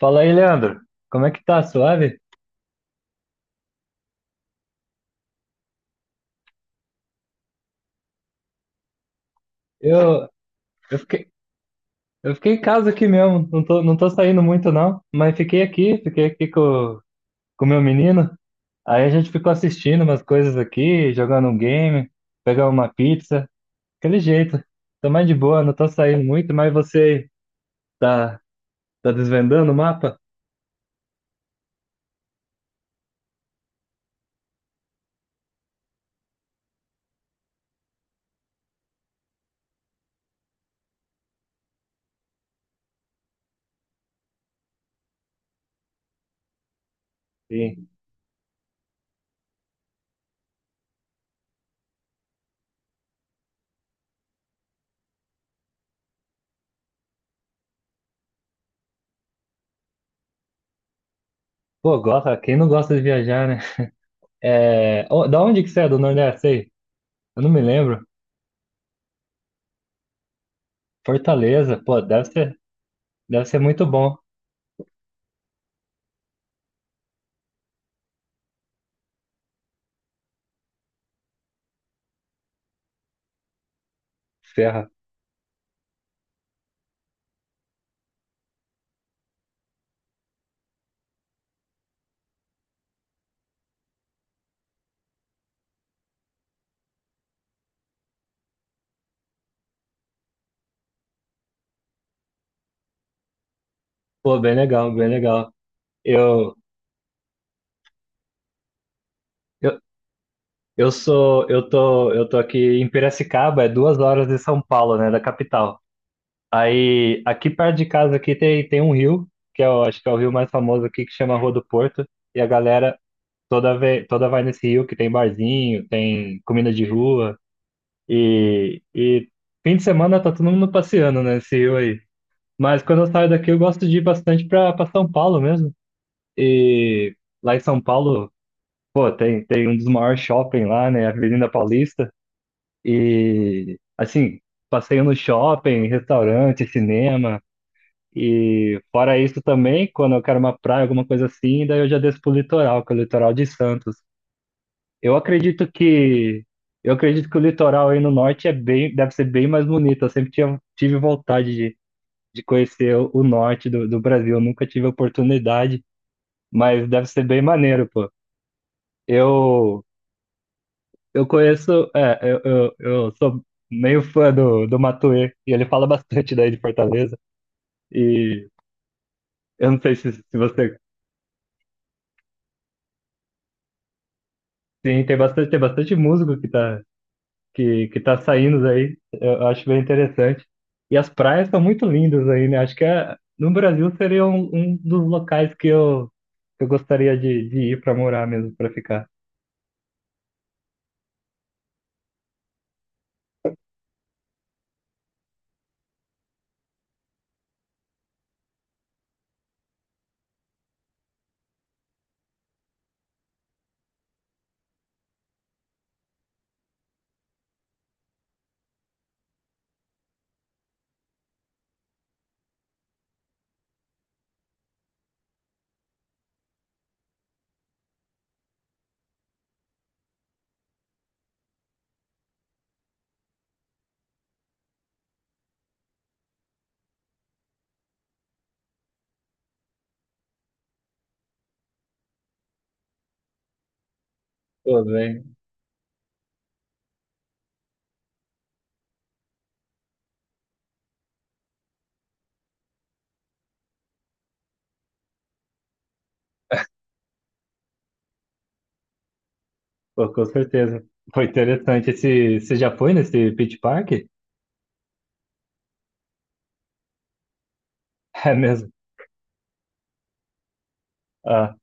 Fala aí, Leandro. Como é que tá? Suave? Eu, eu fiquei, eu fiquei em casa aqui mesmo. Não tô saindo muito, não. Mas fiquei aqui com o meu menino. Aí a gente ficou assistindo umas coisas aqui, jogando um game, pegando uma pizza. Aquele jeito. Tô mais de boa, não tô saindo muito. Mas você tá, tá desvendando o mapa? Sim. Pô, gosta, quem não gosta de viajar, né? É, ô, da onde que você é, do Nordeste aí? Eu não me lembro. Fortaleza, pô, deve ser muito bom. Serra. Pô, bem legal, bem legal. Eu, eu, eu tô aqui em Piracicaba, é duas horas de São Paulo, né, da capital. Aí, aqui perto de casa aqui tem um rio, que é o, acho que é o rio mais famoso aqui, que chama Rua do Porto, e a galera toda vê, toda vai nesse rio, que tem barzinho, tem comida de rua, e fim de semana tá todo mundo passeando né, nesse rio aí. Mas quando eu saio daqui, eu gosto de ir bastante pra São Paulo mesmo. E lá em São Paulo, pô, tem um dos maiores shopping lá, né? Avenida Paulista. E, assim, passeio no shopping, restaurante, cinema. E, fora isso também, quando eu quero uma praia, alguma coisa assim, daí eu já desço pro litoral, que é o litoral de Santos. Eu acredito que. Eu acredito que o litoral aí no norte é bem, deve ser bem mais bonito. Eu sempre tinha, tive vontade de conhecer o norte do Brasil. Eu nunca tive a oportunidade, mas deve ser bem maneiro, pô. Eu, Eu conheço, é, eu sou meio fã do Matuê, e ele fala bastante daí de Fortaleza, e eu não sei se, se você, sim, tem bastante músico que tá, que tá saindo aí, eu acho bem interessante, e as praias são muito lindas aí, né, acho que é, no Brasil seria um, um dos locais que eu gostaria de ir para morar mesmo, para ficar. Pô, bem, pô, com certeza, foi interessante, esse, você já foi nesse Beach Park? É mesmo? Ah,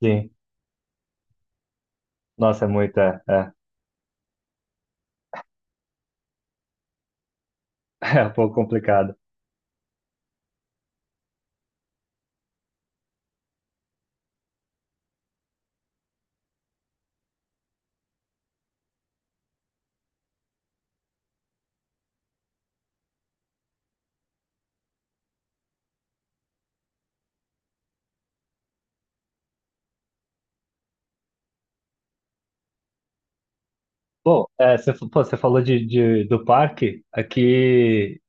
sim. Nossa, é muito, é, é, é um pouco complicado. Bom, é, você, fa- pô, você falou de- do parque, aqui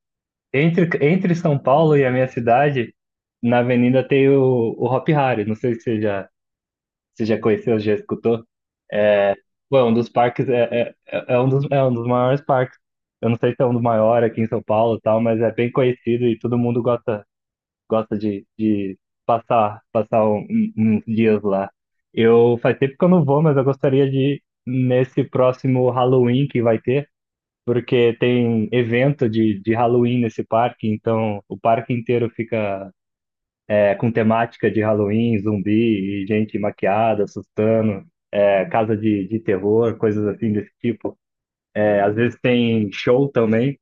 entre São Paulo e a minha cidade, na avenida tem o Hop Hari, não sei se você já, se já conheceu, já escutou. Pô, é um dos parques, é, é, é um dos, é um dos maiores parques. Eu não sei se é um dos maiores aqui em São Paulo e tal, mas é bem conhecido e todo mundo gosta, gosta de passar, passar um- um, uns dias lá. Eu faz tempo que eu não vou, mas eu gostaria de ir nesse próximo Halloween que vai ter, porque tem evento de Halloween nesse parque, então o parque inteiro fica é, com temática de Halloween, zumbi e gente maquiada, assustando, é, casa de terror, coisas assim desse tipo. É, às vezes tem show também.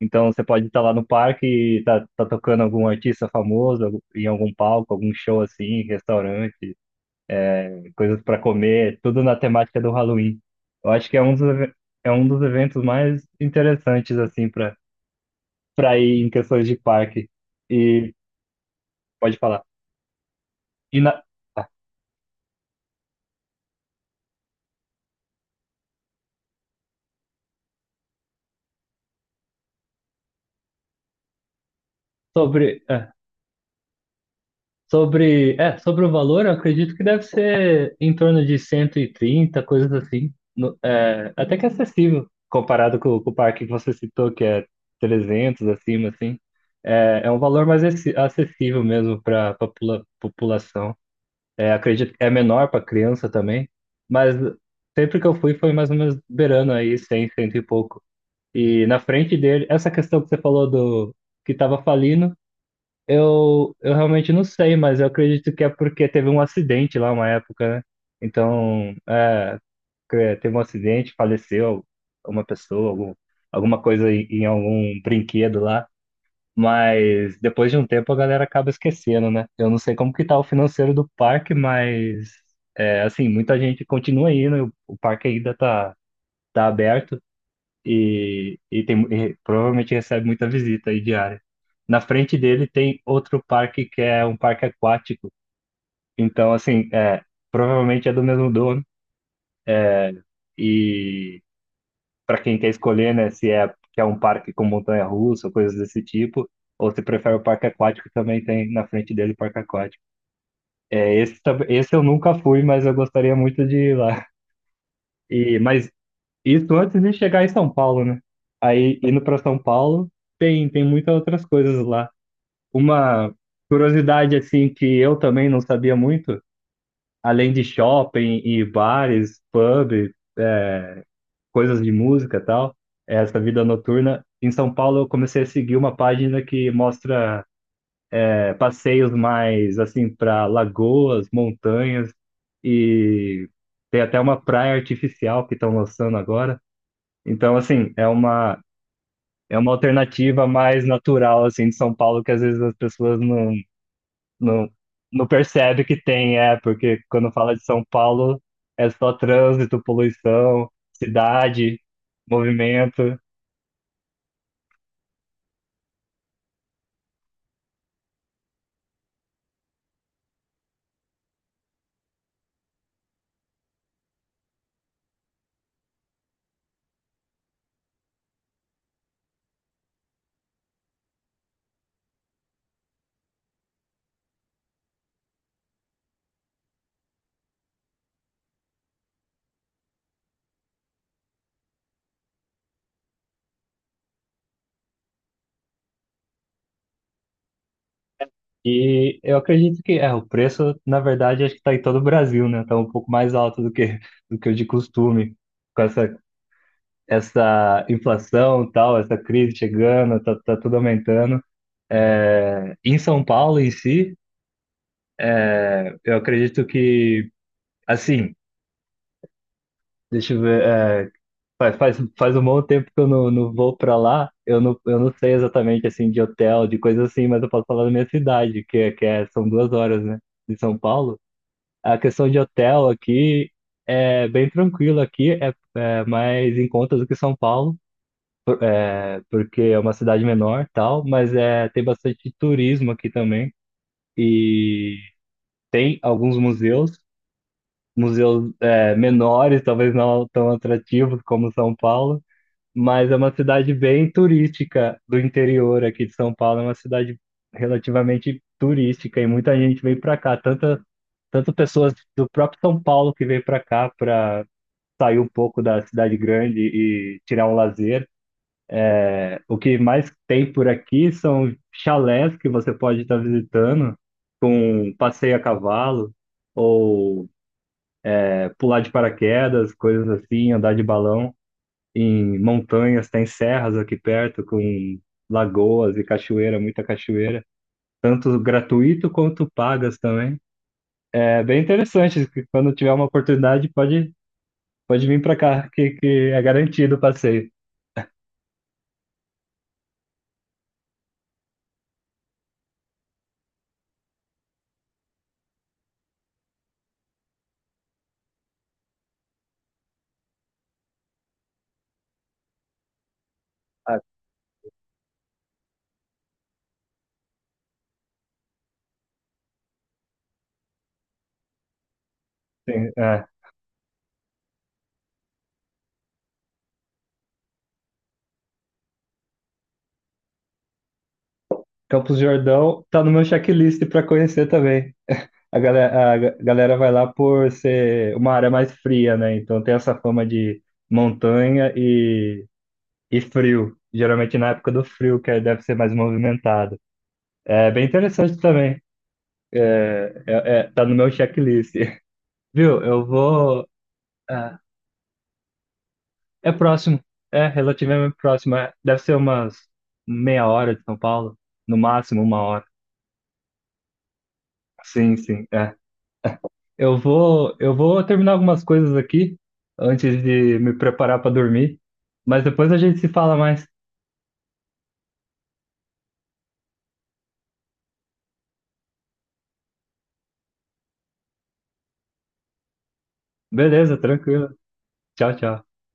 Então você pode estar lá no parque e tá tocando algum artista famoso algum- em algum palco, algum show assim, restaurante, coisas para comer, tudo na temática do Halloween. Eu acho que é um dos, eve- é um dos eventos mais interessantes assim para ir em questões de parque. E pode falar. E na, ah, sobre ah, sobre, é, sobre o valor, eu acredito que deve ser em torno de 130 coisas assim. No- é, até que é acessível, comparado com o parque que você citou, que é 300 acima, assim. É, é um valor mais acessi- acessível mesmo para a população. É, acredito que é menor para criança também, mas sempre que eu fui foi mais ou menos beirando aí 100, cento e pouco. E na frente dele, essa questão que você falou do que estava falindo, eu realmente não sei, mas eu acredito que é porque teve um acidente lá uma época, né? Então, é, teve um acidente, faleceu uma pessoa, algum, alguma coisa em, em algum brinquedo lá. Mas depois de um tempo a galera acaba esquecendo, né? Eu não sei como que tá o financeiro do parque, mas é, assim, muita gente continua indo, o parque ainda tá, tá aberto e, tem, e provavelmente recebe muita visita aí diária. Na frente dele tem outro parque que é um parque aquático. Então, assim, é, provavelmente é do mesmo dono. E para quem quer escolher, né, se é, que é um parque com montanha-russa, ou coisas desse tipo, ou se prefere o parque aquático, também tem na frente dele o parque aquático. É, esse, tam- esse eu nunca fui, mas eu gostaria muito de ir lá. E, mas isso antes de chegar em São Paulo, né? Aí, indo para São Paulo, tem muitas outras coisas lá. Uma curiosidade assim que eu também não sabia muito, além de shopping e bares, pub, coisas de música e tal, é essa vida noturna. Em São Paulo eu comecei a seguir uma página que mostra é, passeios mais assim para lagoas, montanhas e tem até uma praia artificial que estão lançando agora. Então assim, é uma alternativa mais natural assim de São Paulo que às vezes as pessoas não não, não percebe que tem, é, porque quando fala de São Paulo é só trânsito, poluição, cidade, movimento. E eu acredito que é, o preço, na verdade, acho que está em todo o Brasil, né? Está um pouco mais alto do que o de costume. Com essa, essa inflação, e tal, essa crise chegando, tá, tá tudo aumentando. É, em São Paulo em si, eu acredito que, assim, deixa eu ver. É, faz um bom tempo que eu não, não vou pra lá. Eu não sei exatamente assim de hotel, de coisa assim, mas eu posso falar da minha cidade, que é, são duas horas, né? De São Paulo. A questão de hotel aqui é bem tranquilo aqui, é, é mais em conta do que São Paulo, é, porque é uma cidade menor, tal, mas é, tem bastante turismo aqui também. E tem alguns museus, museus é, menores, talvez não tão atrativos como São Paulo mas é uma cidade bem turística do interior aqui de São Paulo. É uma cidade relativamente turística e muita gente vem para cá. Tanta, tanto pessoas do próprio São Paulo que vem para cá para sair um pouco da cidade grande e tirar um lazer. O que mais tem por aqui são chalés que você pode estar visitando, com passeio a cavalo, ou é, pular de paraquedas, coisas assim, andar de balão. Em montanhas, tem serras aqui perto com lagoas e cachoeira, muita cachoeira, tanto gratuito quanto pagas também. É bem interessante, que quando tiver uma oportunidade pode vir para cá, que é garantido o passeio. Sim, é. Campos do Jordão tá no meu checklist para conhecer também. A galera vai lá por ser uma área mais fria, né? Então tem essa fama de montanha e frio. Geralmente na época do frio, que aí deve ser mais movimentado. É bem interessante também. É, é- é- tá no meu checklist. Viu? Eu vou. Ah, é, próximo. É relativamente próximo. É, deve ser umas meia hora de São Paulo. No máximo uma hora. Sim, sim. É. Eu vou terminar algumas coisas aqui antes de me preparar para dormir. Mas depois a gente se fala mais. Beleza, tranquilo. Tchau, tchau.